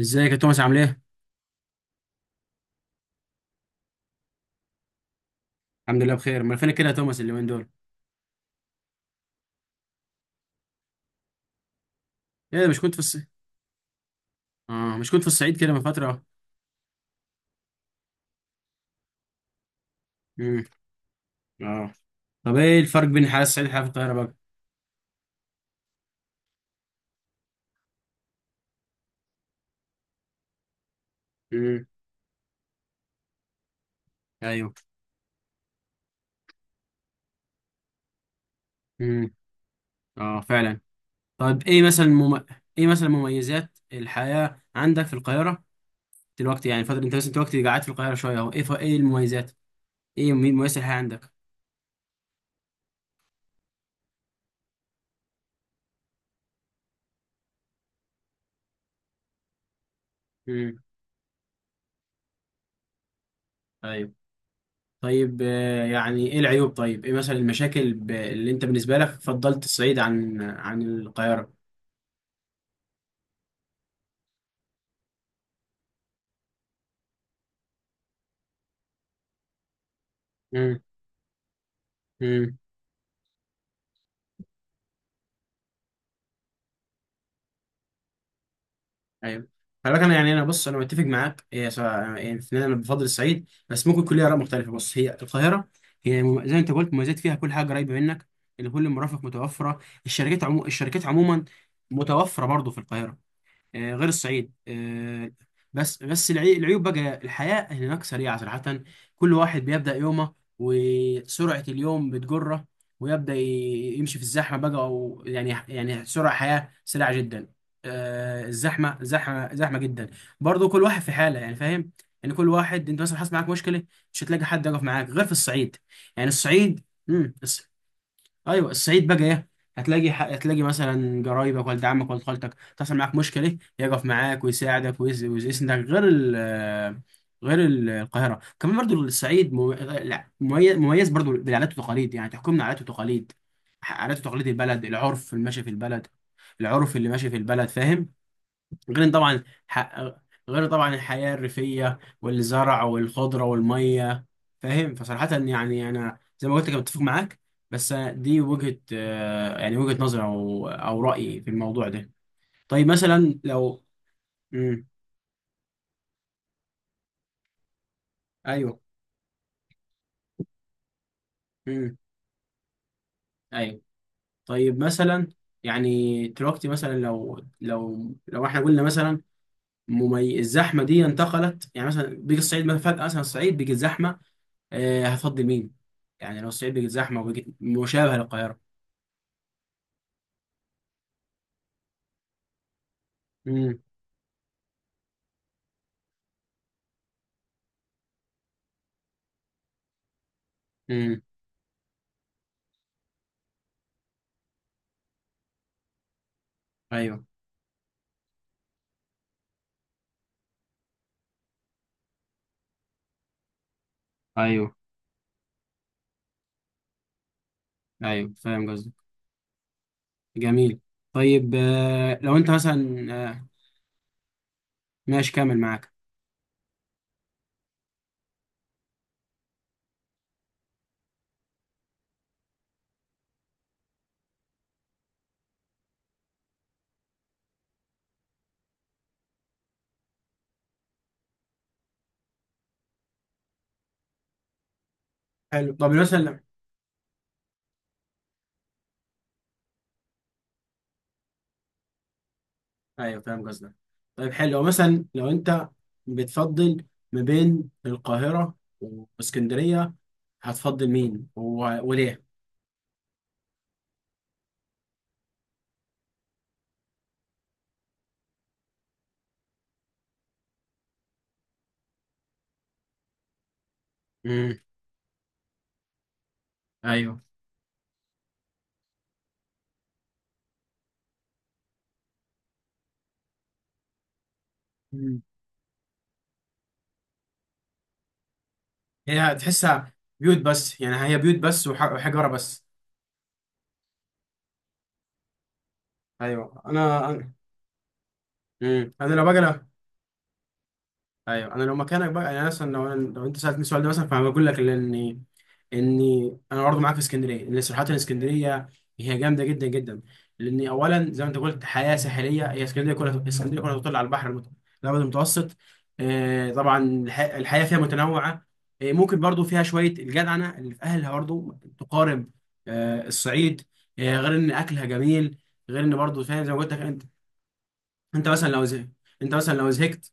ازيك يا توماس، عامل ايه؟ الحمد لله بخير، امال فينك كده يا توماس اليومين دول؟ ايه ده، مش كنت في الصعيد؟ اه، مش كنت في الصعيد كده من فترة؟ امم. اه. طب ايه الفرق بين الحياة الصعيد والحياة في القاهرة بقى؟ امم. ايوه. امم. اه، فعلا. طيب ايه مثلا. ايه مثلا مميزات الحياة عندك في القاهرة؟ دلوقتي يعني فترة انت بس انت دلوقتي قاعد في القاهرة شوية اهو، ايه المميزات؟ ايه مميزات الحياة عندك؟ امم. ايوه. طيب، يعني ايه العيوب طيب؟ ايه مثلا المشاكل اللي انت بالنسبة لك فضلت الصعيد عن القاهرة؟ امم. ايوه. خلي بالك، انا يعني انا بص انا متفق معاك. هي سواء يعني في النهاية انا بفضل الصعيد، بس ممكن كل اراء مختلفه. بص، هي القاهره هي زي ما انت قلت مميزات فيها كل حاجه قريبه منك، اللي كل المرافق متوفره. الشركات الشركات عموما متوفره برضه في القاهره، غير الصعيد بس العيوب بقى، الحياة هناك سريعة صراحة. كل واحد بيبدأ يومه وسرعة اليوم بتجره، ويبدأ يمشي في الزحمة بقى، أو يعني سرعة حياة سريعة جدا. الزحمة زحمة زحمة جدا. برضو كل واحد في حالة، يعني فاهم. يعني كل واحد، انت مثلا حصل معاك مشكلة مش هتلاقي حد يقف معاك غير في الصعيد. يعني الصعيد. ايوه، الصعيد بقى ايه؟ هتلاقي هتلاقي مثلا قرايبك، ولد عمك، ولد خالتك، تحصل معاك مشكله يقف معاك ويساعدك ويسندك، غير القاهره. كمان برضو الصعيد لا، مميز مميز برضو بالعادات والتقاليد، يعني تحكمنا عادات وتقاليد. عادات وتقاليد البلد، العرف اللي ماشي في البلد، العرف اللي ماشي في البلد، فاهم. غير طبعا. غير طبعا الحياة الريفية والزرع والخضرة والمية، فاهم. فصراحة يعني أنا زي ما قلت كنت متفق معاك. بس دي وجهة يعني وجهة نظر، أو رأيي في الموضوع ده. طيب مثلا لو مم. أيوه. مم. أيوه. طيب مثلا، يعني دلوقتي مثلا لو احنا قلنا مثلا، الزحمة دي انتقلت، يعني مثلا بيجي الصعيد مثلا فجأة، مثلا الصعيد بيجي الزحمة، هتفضل مين؟ يعني لو الصعيد بقت زحمه وبقت مشابهه للقاهره. امم امم. ايوه ايوه. ايوه، فاهم قصدك. جميل. طيب لو انت مثلا ماشي كامل معاك. حلو، طب مثلا. ايوه، فاهم قصدك. طيب حلو، مثلا لو انت بتفضل ما بين القاهره واسكندريه، هتفضل مين وليه؟ امم. ايوه. مم. هي هتحسها بيوت بس، يعني هي بيوت بس وحجاره بس. ايوه انا. انا لو باجي انا. ايوه، انا لو مكانك بقى، يعني مثلا لو انت سالتني السؤال ده مثلا، فانا بقول لك، لان اني انا برضه معاك في اسكندريه، لان صراحه الاسكندريه هي جامده جدا جدا. لان اولا زي ما انت قلت، حياه ساحليه. هي اسكندريه كلها، اسكندريه كلها تطل على البحر الابيض المتوسط. طبعا الحياه فيها متنوعه. ممكن برضه فيها شويه الجدعنه اللي في اهلها، برضه تقارب الصعيد. غير ان اكلها جميل، غير ان برضه فاهم زي ما قلت لك انت. انت مثلا لو. انت مثلا لو زهقت،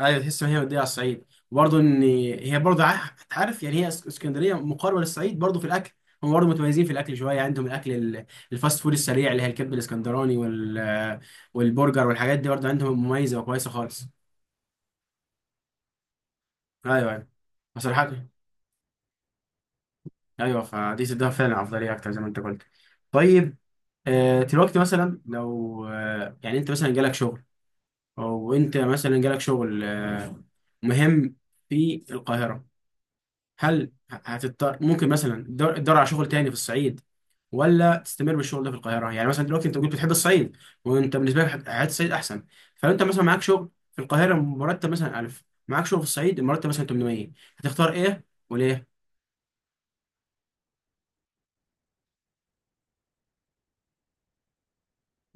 ايوه، تحس ان هي مديه على الصعيد، وبرضه ان هي برضه عارف، يعني هي اسكندريه مقاربه للصعيد برضه في الاكل. هم برضه متميزين في الاكل شويه، عندهم الاكل، الفاست فود السريع، اللي هي الكبد الاسكندراني، والبرجر والحاجات دي برضه عندهم مميزه وكويسه خالص. ايوه ايوه. بصراحه، ايوه، فدي تديها فعلا افضليه اكتر زي ما انت قلت. طيب، دلوقتي مثلا لو آه،، يعني انت مثلا جالك شغل، او انت مثلا جالك شغل، مهم، في القاهره. هل هتضطر ممكن مثلا تدور على شغل تاني في الصعيد، ولا تستمر بالشغل ده في القاهره؟ يعني مثلا دلوقتي انت قلت بتحب الصعيد، وانت بالنسبه لك حياه الصعيد احسن. فلو انت مثلا معاك شغل في القاهره مرتب مثلا 1000، معاك شغل في الصعيد مرتب مثلا 800، هتختار ايه وليه؟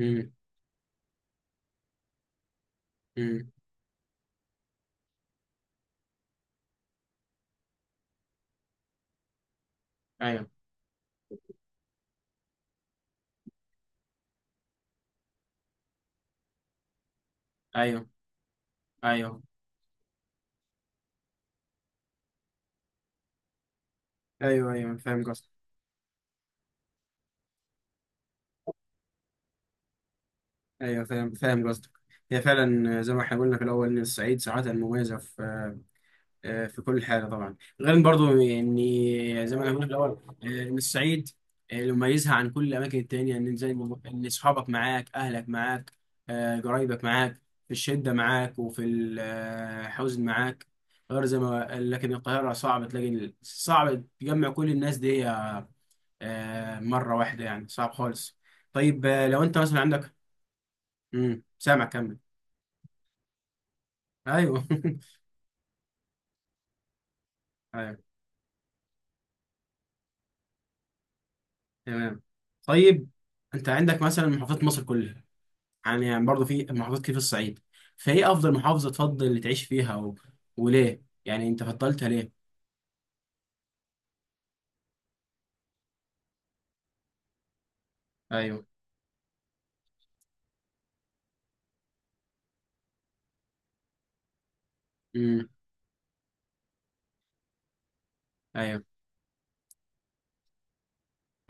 امم امم. ايوه ايوه ايوه ايوه ايوه، فاهم قصدك. ايوه، فاهم قصدك. هي فعلا زي ما احنا قلنا في الاول، ان الصعيد ساعات مميزه في في كل حاجه طبعا، غير برضو، يعني زي ما انا قلت في الاول، ان الصعيد اللي مميزها عن كل الاماكن التانيه، ان زي ما ان اصحابك معاك، اهلك معاك، قرايبك معاك، في الشده معاك، وفي الحزن معاك، غير زي ما لكن القاهره صعب تلاقي صعب تجمع كل الناس دي مره واحده، يعني صعب خالص. طيب لو انت مثلا عندك. امم، سامع، كمل. ايوه ايوه. تمام. طيب، انت عندك مثلا محافظات مصر كلها، يعني برضه في محافظات كتير في الصعيد. فايه افضل محافظه تفضل تعيش فيها، وليه يعني انت فضلتها ليه؟ ايوه. امم. ايوه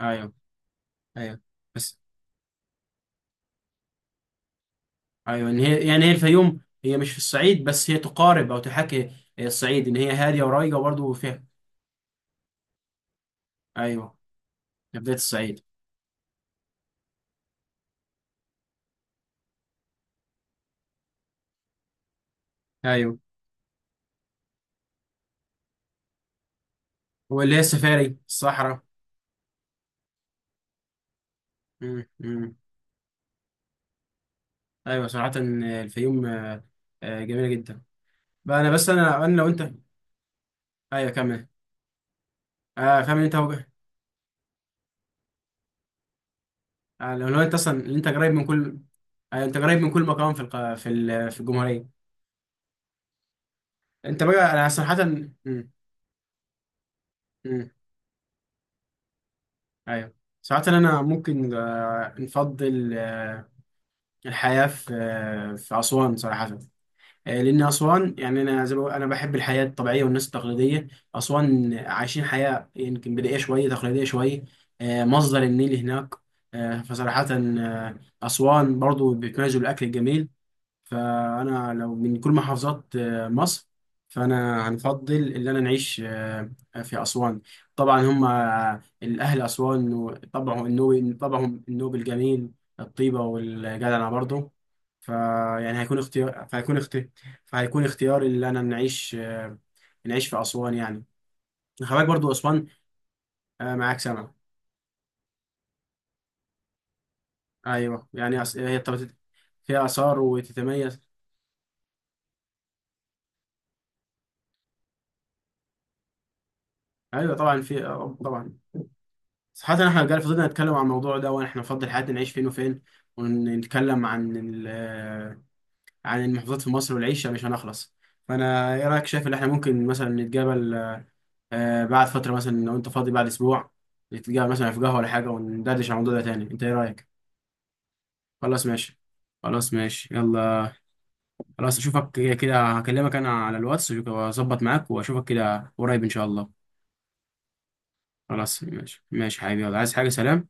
ايوه ايوه، بس ايوه، ان هي يعني، هي الفيوم، هي مش في الصعيد بس هي تقارب او تحاكي الصعيد، ان هي هاديه ورايقه برضه فيها. ايوه، يا بدايه الصعيد. ايوه. واللي هي السفاري، الصحراء. امم. ايوه، صراحه الفيوم جميله جدا. بقى انا بس انا لو انت. ايوه كمل. آه، كمل انت. الاولويات اصلا ان انت قريب من كل، انت قريب من كل مكان في الق... في ال... في الجمهوريه. انت بقى انا صراحه. مم. ايوه. صراحه انا ممكن نفضل الحياه في اسوان صراحه. لان اسوان، يعني انا زي ما انا بحب الحياه الطبيعيه والناس التقليديه. اسوان عايشين حياه يمكن بدائيه شويه، تقليديه شويه. مصدر النيل هناك. فصراحه، اسوان برضو بيتميزوا بالاكل الجميل. فانا لو من كل محافظات مصر، فانا هنفضل ان انا نعيش في اسوان. طبعا هم الاهل اسوان، وطبعهم النوبي، طبعهم النوبي الجميل، الطيبه والجدعنه برضه. فيعني هيكون اختياري ان انا نعيش نعيش في اسوان يعني. خلي برضه اسوان. معاك، سمع. ايوه، يعني فيها اثار وتتميز. ايوه، طبعا في آه، طبعا صراحة احنا جالي فضلنا نتكلم عن الموضوع ده، واحنا نفضل حياتنا نعيش فين وفين، ونتكلم عن عن المحافظات في مصر والعيشة، مش هنخلص. فانا ايه رأيك، شايف ان احنا ممكن مثلا نتقابل، بعد فترة مثلا لو انت فاضي بعد اسبوع؟ نتقابل مثلا في قهوة ولا حاجة وندردش عن الموضوع ده تاني، انت ايه رأيك؟ خلاص ماشي. خلاص ماشي يلا. خلاص، اشوفك كده كده، هكلمك انا على الواتس واظبط معاك، واشوفك كده قريب ان شاء الله. خلاص ماشي ماشي حبيبي، يلا، عايز حاجة، سلام.